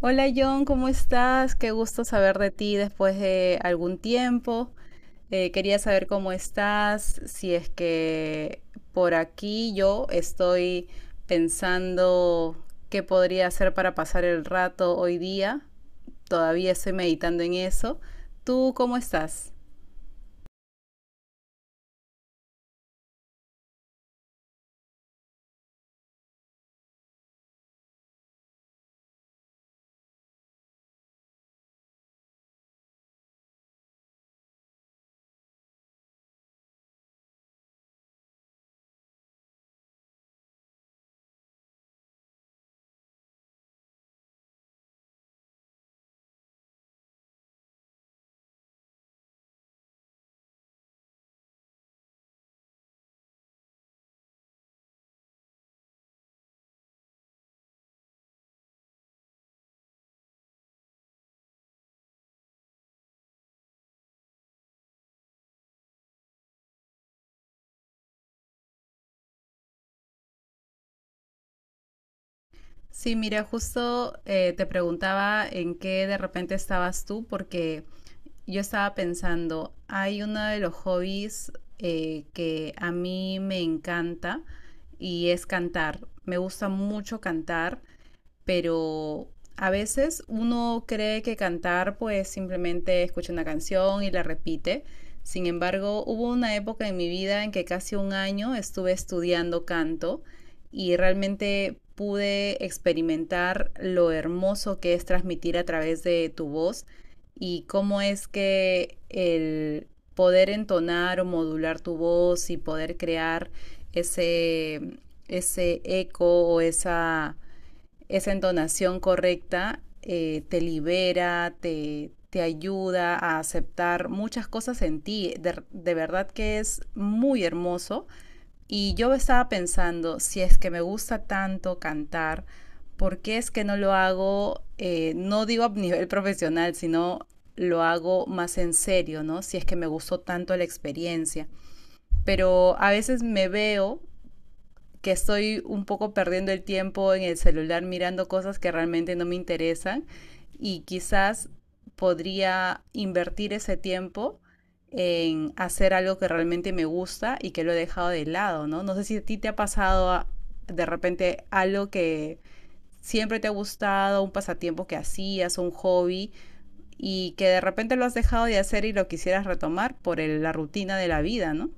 Hola John, ¿cómo estás? Qué gusto saber de ti después de algún tiempo. Quería saber cómo estás, si es que por aquí yo estoy pensando qué podría hacer para pasar el rato hoy día. Todavía estoy meditando en eso. ¿Tú cómo estás? Sí, mira, justo te preguntaba en qué de repente estabas tú, porque yo estaba pensando, hay uno de los hobbies que a mí me encanta y es cantar. Me gusta mucho cantar, pero a veces uno cree que cantar pues simplemente escucha una canción y la repite. Sin embargo, hubo una época en mi vida en que casi un año estuve estudiando canto y realmente pude experimentar lo hermoso que es transmitir a través de tu voz y cómo es que el poder entonar o modular tu voz y poder crear ese, ese eco o esa entonación correcta te libera, te ayuda a aceptar muchas cosas en ti. Verdad que es muy hermoso. Y yo estaba pensando, si es que me gusta tanto cantar, ¿por qué es que no lo hago? Eh, no digo a nivel profesional, sino lo hago más en serio, ¿no? Si es que me gustó tanto la experiencia. Pero a veces me veo que estoy un poco perdiendo el tiempo en el celular mirando cosas que realmente no me interesan, y quizás podría invertir ese tiempo en hacer algo que realmente me gusta y que lo he dejado de lado, ¿no? No sé si a ti te ha pasado, ah, de repente algo que siempre te ha gustado, un pasatiempo que hacías, un hobby, y que de repente lo has dejado de hacer y lo quisieras retomar por el, la rutina de la vida, ¿no?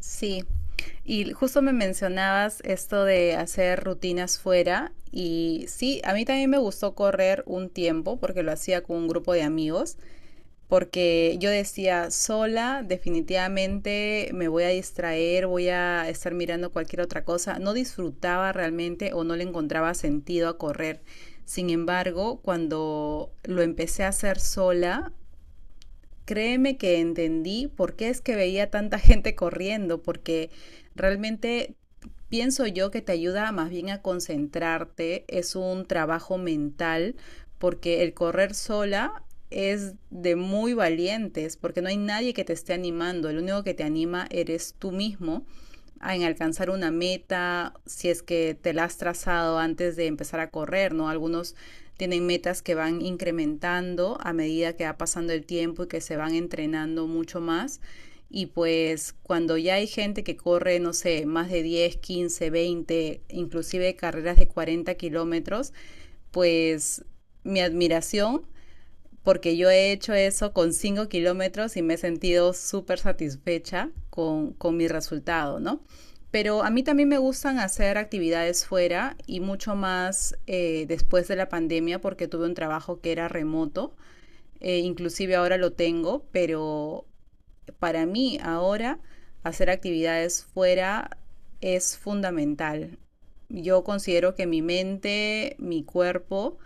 Sí, y justo me mencionabas esto de hacer rutinas fuera, y sí, a mí también me gustó correr un tiempo porque lo hacía con un grupo de amigos, porque yo decía, sola definitivamente me voy a distraer, voy a estar mirando cualquier otra cosa, no disfrutaba realmente o no le encontraba sentido a correr. Sin embargo, cuando lo empecé a hacer sola, créeme que entendí por qué es que veía tanta gente corriendo, porque realmente pienso yo que te ayuda más bien a concentrarte, es un trabajo mental, porque el correr sola es de muy valientes, porque no hay nadie que te esté animando, el único que te anima eres tú mismo en alcanzar una meta, si es que te la has trazado antes de empezar a correr, ¿no? Algunos tienen metas que van incrementando a medida que va pasando el tiempo y que se van entrenando mucho más. Y pues cuando ya hay gente que corre, no sé, más de 10, 15, 20, inclusive carreras de 40 km, pues mi admiración, porque yo he hecho eso con 5 km y me he sentido súper satisfecha con mi resultado, ¿no? Pero a mí también me gustan hacer actividades fuera y mucho más después de la pandemia, porque tuve un trabajo que era remoto. Inclusive ahora lo tengo, pero para mí ahora hacer actividades fuera es fundamental. Yo considero que mi mente, mi cuerpo,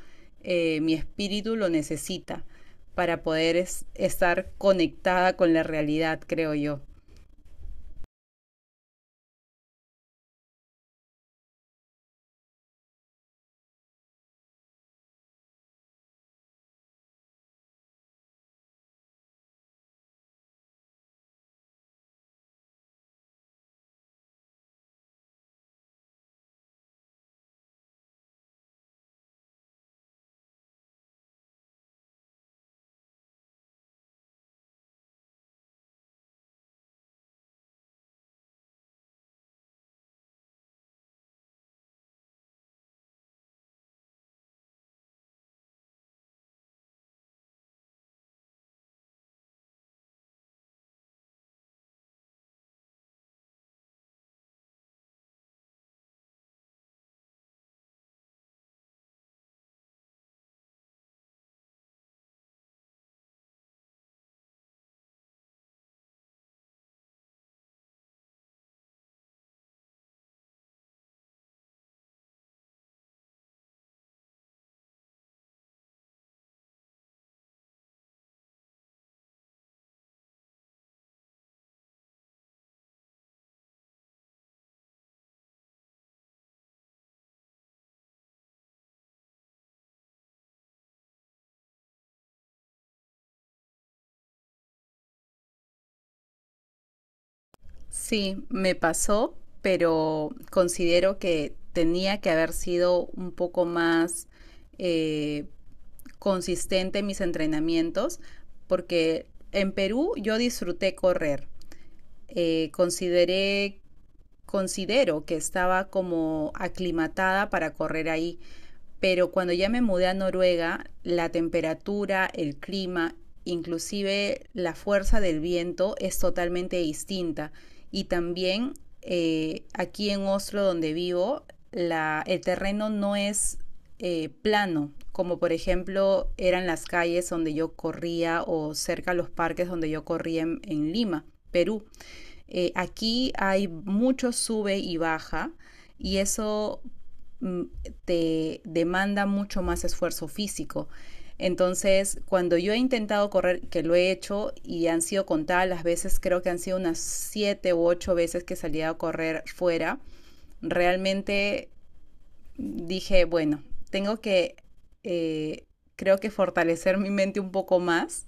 mi espíritu lo necesita para poder estar conectada con la realidad, creo yo. Sí, me pasó, pero considero que tenía que haber sido un poco más eh, consistente en mis entrenamientos, porque en Perú yo disfruté correr, consideré, considero que estaba como aclimatada para correr ahí, pero cuando ya me mudé a Noruega, la temperatura, el clima, inclusive la fuerza del viento es totalmente distinta. Y también aquí en Oslo, donde vivo, la, el terreno no es plano, como por ejemplo eran las calles donde yo corría o cerca a los parques donde yo corría en Lima, Perú. Aquí hay mucho sube y baja, y eso mm, te demanda mucho más esfuerzo físico. Entonces, cuando yo he intentado correr, que lo he hecho y han sido contadas las veces, creo que han sido unas siete u ocho veces que salía a correr fuera, realmente dije, bueno, tengo que, eh, creo que fortalecer mi mente un poco más,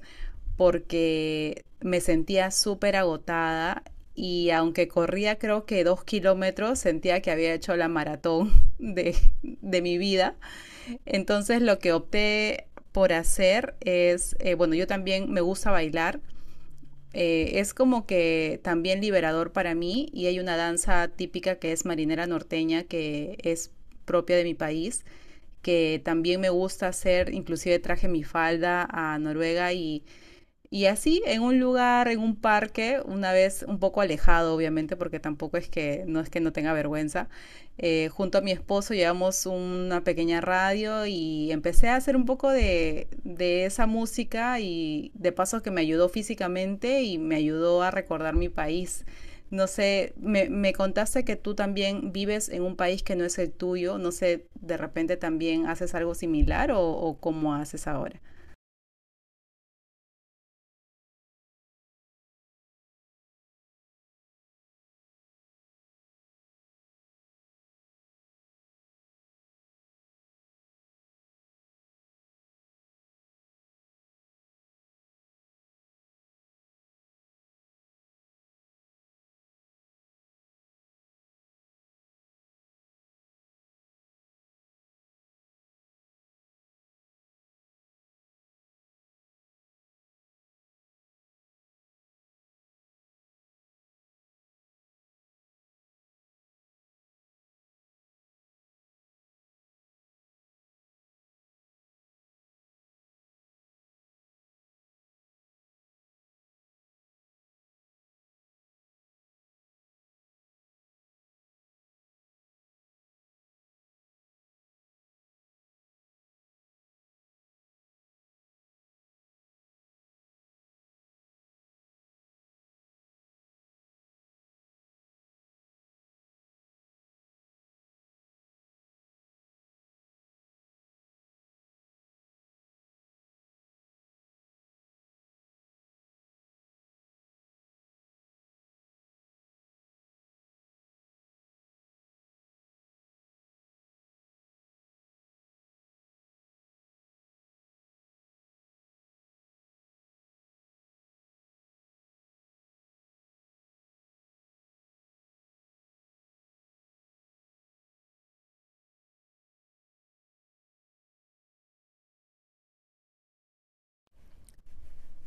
porque me sentía súper agotada y aunque corría creo que 2 km, sentía que había hecho la maratón de, de mi vida. Entonces lo que opté por hacer es, bueno, yo también me gusta bailar. Es como que también liberador para mí, y hay una danza típica que es marinera norteña, que es propia de mi país, que también me gusta hacer. Inclusive traje mi falda a Noruega, y así, en un lugar, en un parque, una vez un poco alejado, obviamente, porque tampoco es que no es que no tenga vergüenza, junto a mi esposo llevamos una pequeña radio y empecé a hacer un poco de esa música, y de paso que me ayudó físicamente y me ayudó a recordar mi país. No sé, me contaste que tú también vives en un país que no es el tuyo, no sé, de repente también haces algo similar o cómo haces ahora.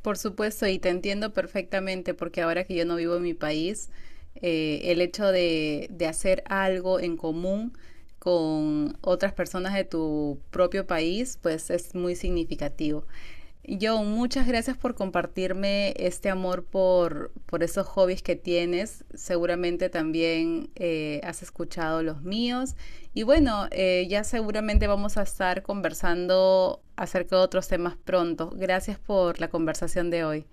Por supuesto, y te entiendo perfectamente, porque ahora que yo no vivo en mi país, el hecho de hacer algo en común con otras personas de tu propio país, pues es muy significativo. John, muchas gracias por compartirme este amor por esos hobbies que tienes. Seguramente también has escuchado los míos. Y bueno, ya seguramente vamos a estar conversando acerca de otros temas pronto. Gracias por la conversación de hoy.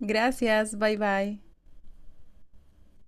Gracias, bye bye.